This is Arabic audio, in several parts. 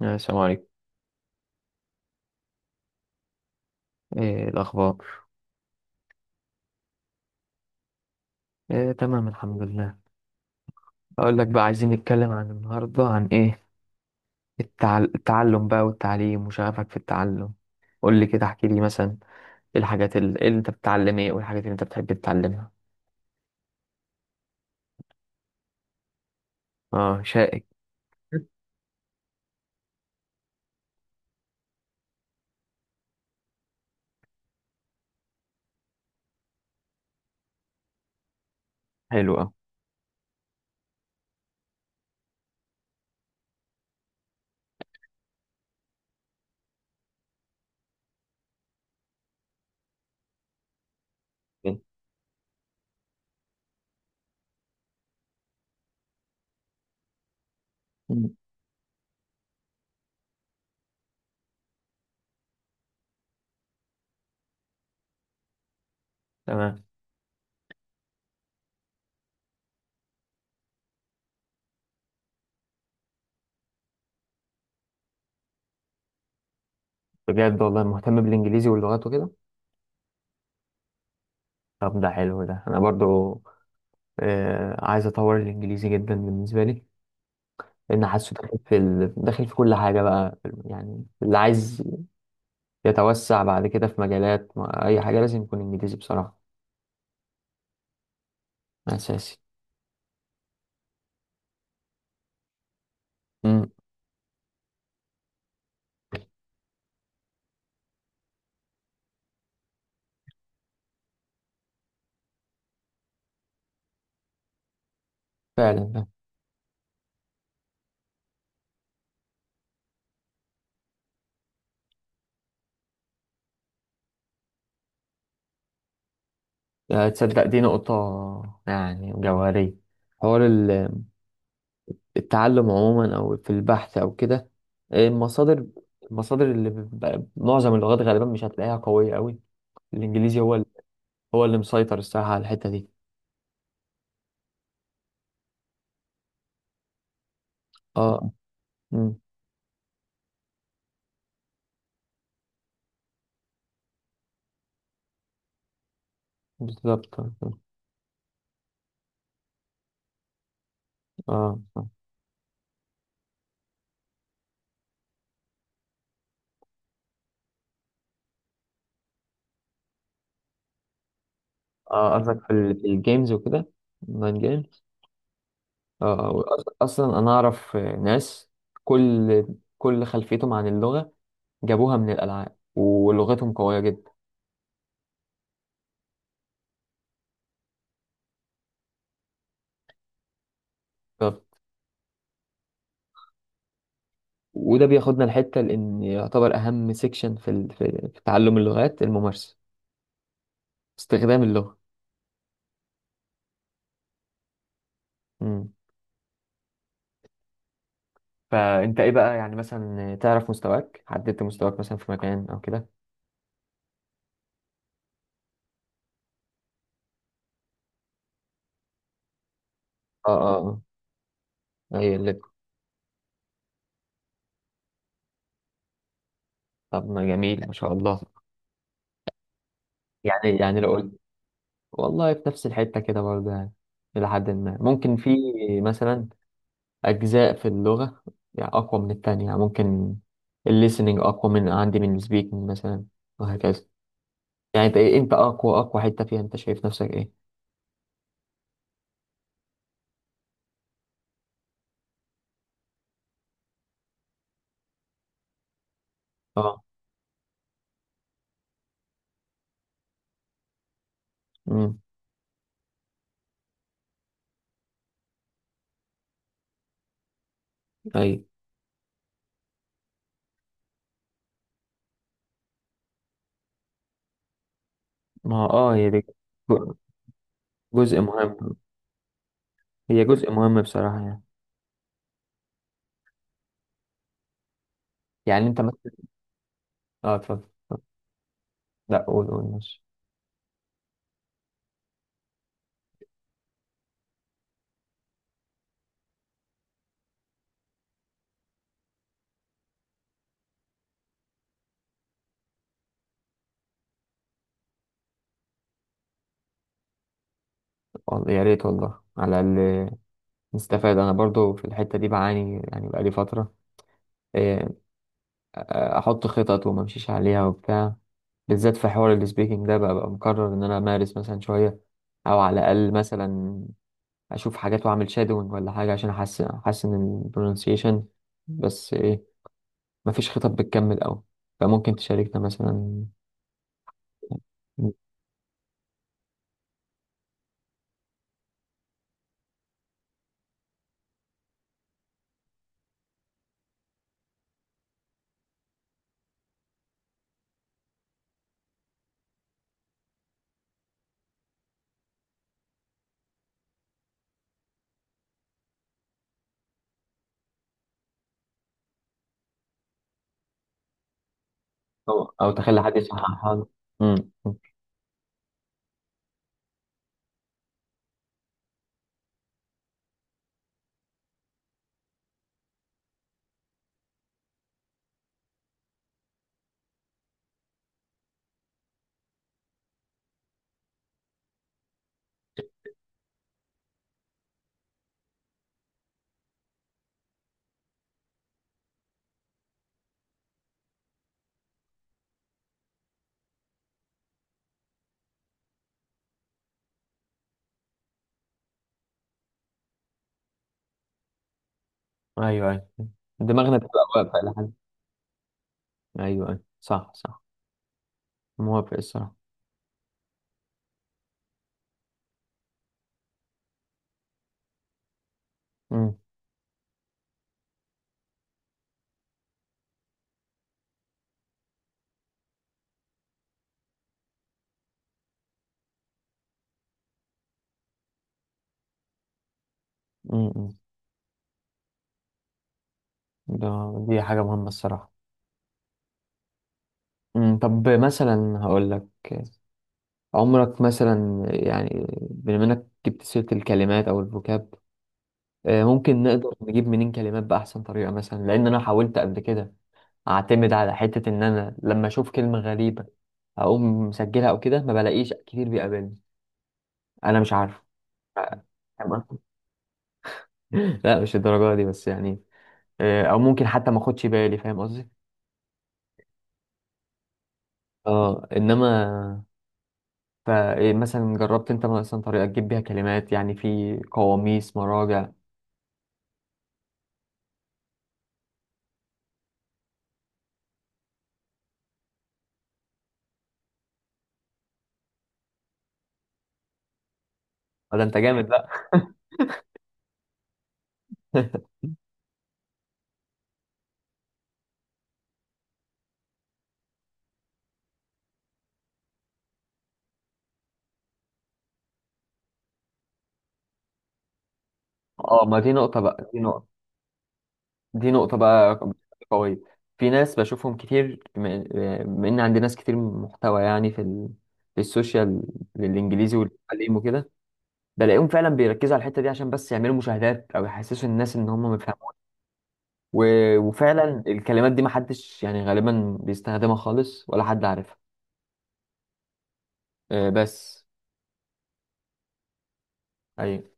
يا السلام عليكم. ايه الاخبار؟ إيه تمام الحمد لله. اقول لك بقى، عايزين نتكلم عن النهارده عن ايه، التعلم بقى والتعليم وشغفك في التعلم. قول لي كده، احكي لي مثلا إيه الحاجات إيه اللي انت بتتعلم ايه، والحاجات اللي انت بتحب تتعلمها. اه، شائك. حلو أوي. مم. تمام. بجد والله مهتم بالانجليزي واللغات وكده؟ طب ده حلو، ده انا برضو آه عايز اطور الانجليزي جدا بالنسبه لي، لان حاسه داخل في داخل في كل حاجه بقى. يعني اللي عايز يتوسع بعد كده في مجالات أي حاجة لازم يكون إنجليزي بصراحة. أساسي. مم. فعلا. تصدق دي نقطة يعني جوهرية. حوار التعلم عموما أو في البحث أو كده، المصادر، المصادر معظم اللغات غالبا مش هتلاقيها قوية قوي. الإنجليزي هو هو اللي مسيطر الصراحة على الحتة دي. اه. مم. بالظبط. اه. اه. آه، قصدك في الجيمز وكده، اونلاين. اصلا انا اعرف ناس كل كل خلفيتهم عن اللغه جابوها من الالعاب ولغتهم قويه جدا. طب، وده بياخدنا لحته، لان يعتبر اهم سيكشن في في تعلم اللغات الممارسه، استخدام اللغه. مم. فانت ايه بقى يعني، مثلا تعرف مستواك، حددت مستواك مثلا في مكان او كده؟ اه اه. اه اي اللي. طب ما جميل، ما شاء الله. يعني لو قلت والله في نفس الحته كده برضه يعني، الى حد ما. ممكن في مثلا أجزاء في اللغة يعني أقوى من التانية. يعني ممكن الليسننج أقوى من عندي من السبيكنج مثلا، وهكذا. يعني أنت إيه، أنت أقوى حتة فيها أنت شايف نفسك إيه؟ أه. أمم. أيوة. ما هو أه، هي دي. جزء مهم. هي جزء مهم بصراحة يعني. يعني أنت مثلا. أه، اتفضل. لا، قول قول، ماشي. والله يا ريت، والله على الأقل نستفاد. أنا برضو في الحتة دي بعاني، يعني بقالي فترة آه، احط خطط وما امشيش عليها وبتاع، بالذات في حوار السبيكنج ده بقى, بقى مقرر ان انا امارس مثلا شويه، او على الاقل مثلا اشوف حاجات واعمل شادوينج ولا حاجه عشان احسن احسن البرونسيشن. بس ايه، مفيش خطط بتكمل قوي. فممكن تشاركنا مثلا، او أو تخلي حد يصححها لنا. امم. ايوه، ايوه. دماغنا بتبقى واقفه لحد. ايوه، ايوه، صح، صح. موافق الصراحه. امم. امم. ده دي حاجه مهمه الصراحه. مم، طب مثلا هقول لك، عمرك مثلا، يعني بما انك جبت سيرة الكلمات او الفوكاب، ممكن نقدر نجيب منين كلمات بأحسن طريقة مثلا؟ لأن أنا حاولت قبل كده أعتمد على حتة إن أنا لما أشوف كلمة غريبة أقوم مسجلها أو كده، ما بلاقيش كتير بيقابلني. أنا مش عارف. آه، فاهم قصدي؟ لا مش الدرجة دي بس يعني، أو ممكن حتى ما أخدش بالي. فاهم قصدي؟ اه، انما فمثلا جربت انت مثلا طريقة تجيب بيها كلمات، يعني في قواميس، مراجع؟ ولا انت جامد بقى؟ اه، ما دي نقطة بقى، دي نقطة، دي نقطة بقى قوية. في ناس بشوفهم كتير، بما ان عندي ناس كتير محتوى يعني في في السوشيال للانجليزي والتعليم وكده، بلاقيهم فعلا بيركزوا على الحتة دي عشان بس يعملوا مشاهدات او يحسسوا الناس ان هم مفهمين. و... وفعلا الكلمات دي محدش يعني غالبا بيستخدمها خالص ولا حد عارفها. آه، بس أيوة.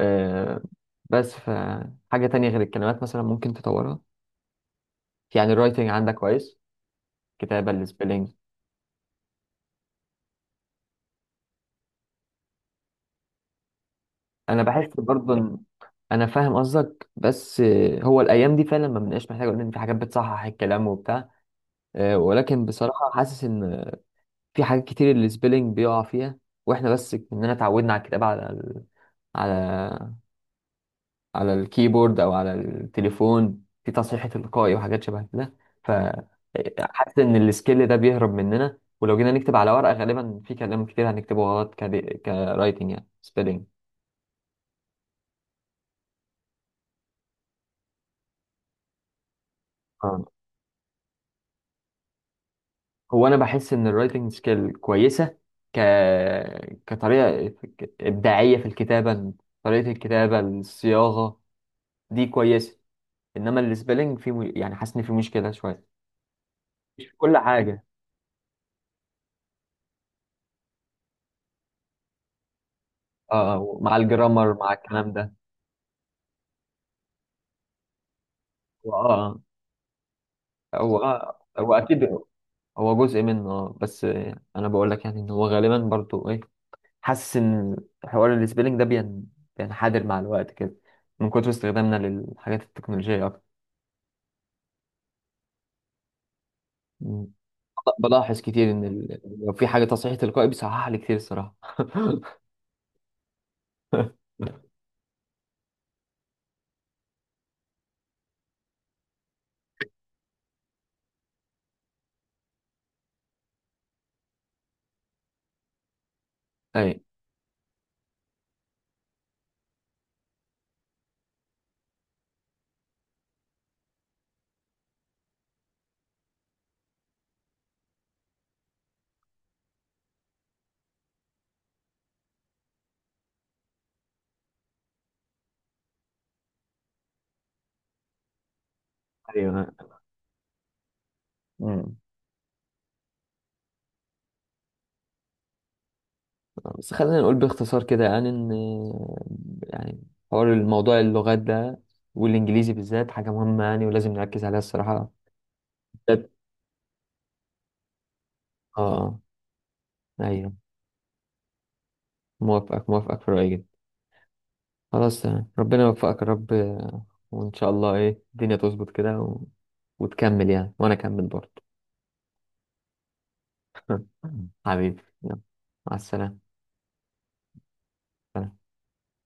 آه، بس فحاجة تانية غير الكلمات مثلا ممكن تطورها، يعني الرايتنج عندك كويس، كتابة السبيلنج. أنا بحس برضه إن، أنا فاهم قصدك بس آه، هو الأيام دي فعلا ما بنبقاش محتاج، لأن في حاجات بتصحح الكلام وبتاع، آه، ولكن بصراحة حاسس إن في حاجات كتير السبيلنج بيقع فيها. وإحنا بس إننا اتعودنا على الكتابة على على على الكيبورد او على التليفون، في تصحيح تلقائي وحاجات شبه كده. ف، حاسس ان السكيل ده بيهرب مننا، ولو جينا نكتب على ورقه غالبا في كلام كتير هنكتبه غلط، كرايتنج يعني سبيلنج. آه. هو انا بحس ان الرايتنج سكيل كويسه، ك كطريقه ابداعيه في الكتابه، طريقه الكتابه، الصياغه دي كويسه. انما السبيلنج يعني حاسس ان في مشكله شويه. مش في كل حاجه، اه، مع الجرامر مع الكلام ده. اه، هو اكيد، هو جزء منه اه. بس آه، انا بقول لك، يعني ان هو غالبا برضو ايه، حاسس ان حوار السبيلنج ده بينحدر مع الوقت كده من كتر استخدامنا للحاجات التكنولوجية اكتر. مم. بلاحظ كتير ان لو في حاجة تصحيح تلقائي بيصحح لي كتير الصراحة. اي. ايوه. مم. بس خلينا نقول باختصار كده، يعني ان، يعني حوار الموضوع اللغات ده والانجليزي بالذات حاجة مهمة يعني، ولازم نركز عليها الصراحة. بالذات-. اه. ايوه، موافقك، موافقك في رأيي جدا. خلاص تمام. ربنا يوفقك يا رب، آه، وان شاء الله ايه الدنيا تظبط كده وتكمل يعني، وانا اكمل برضه. حبيبي يلا، مع السلامة.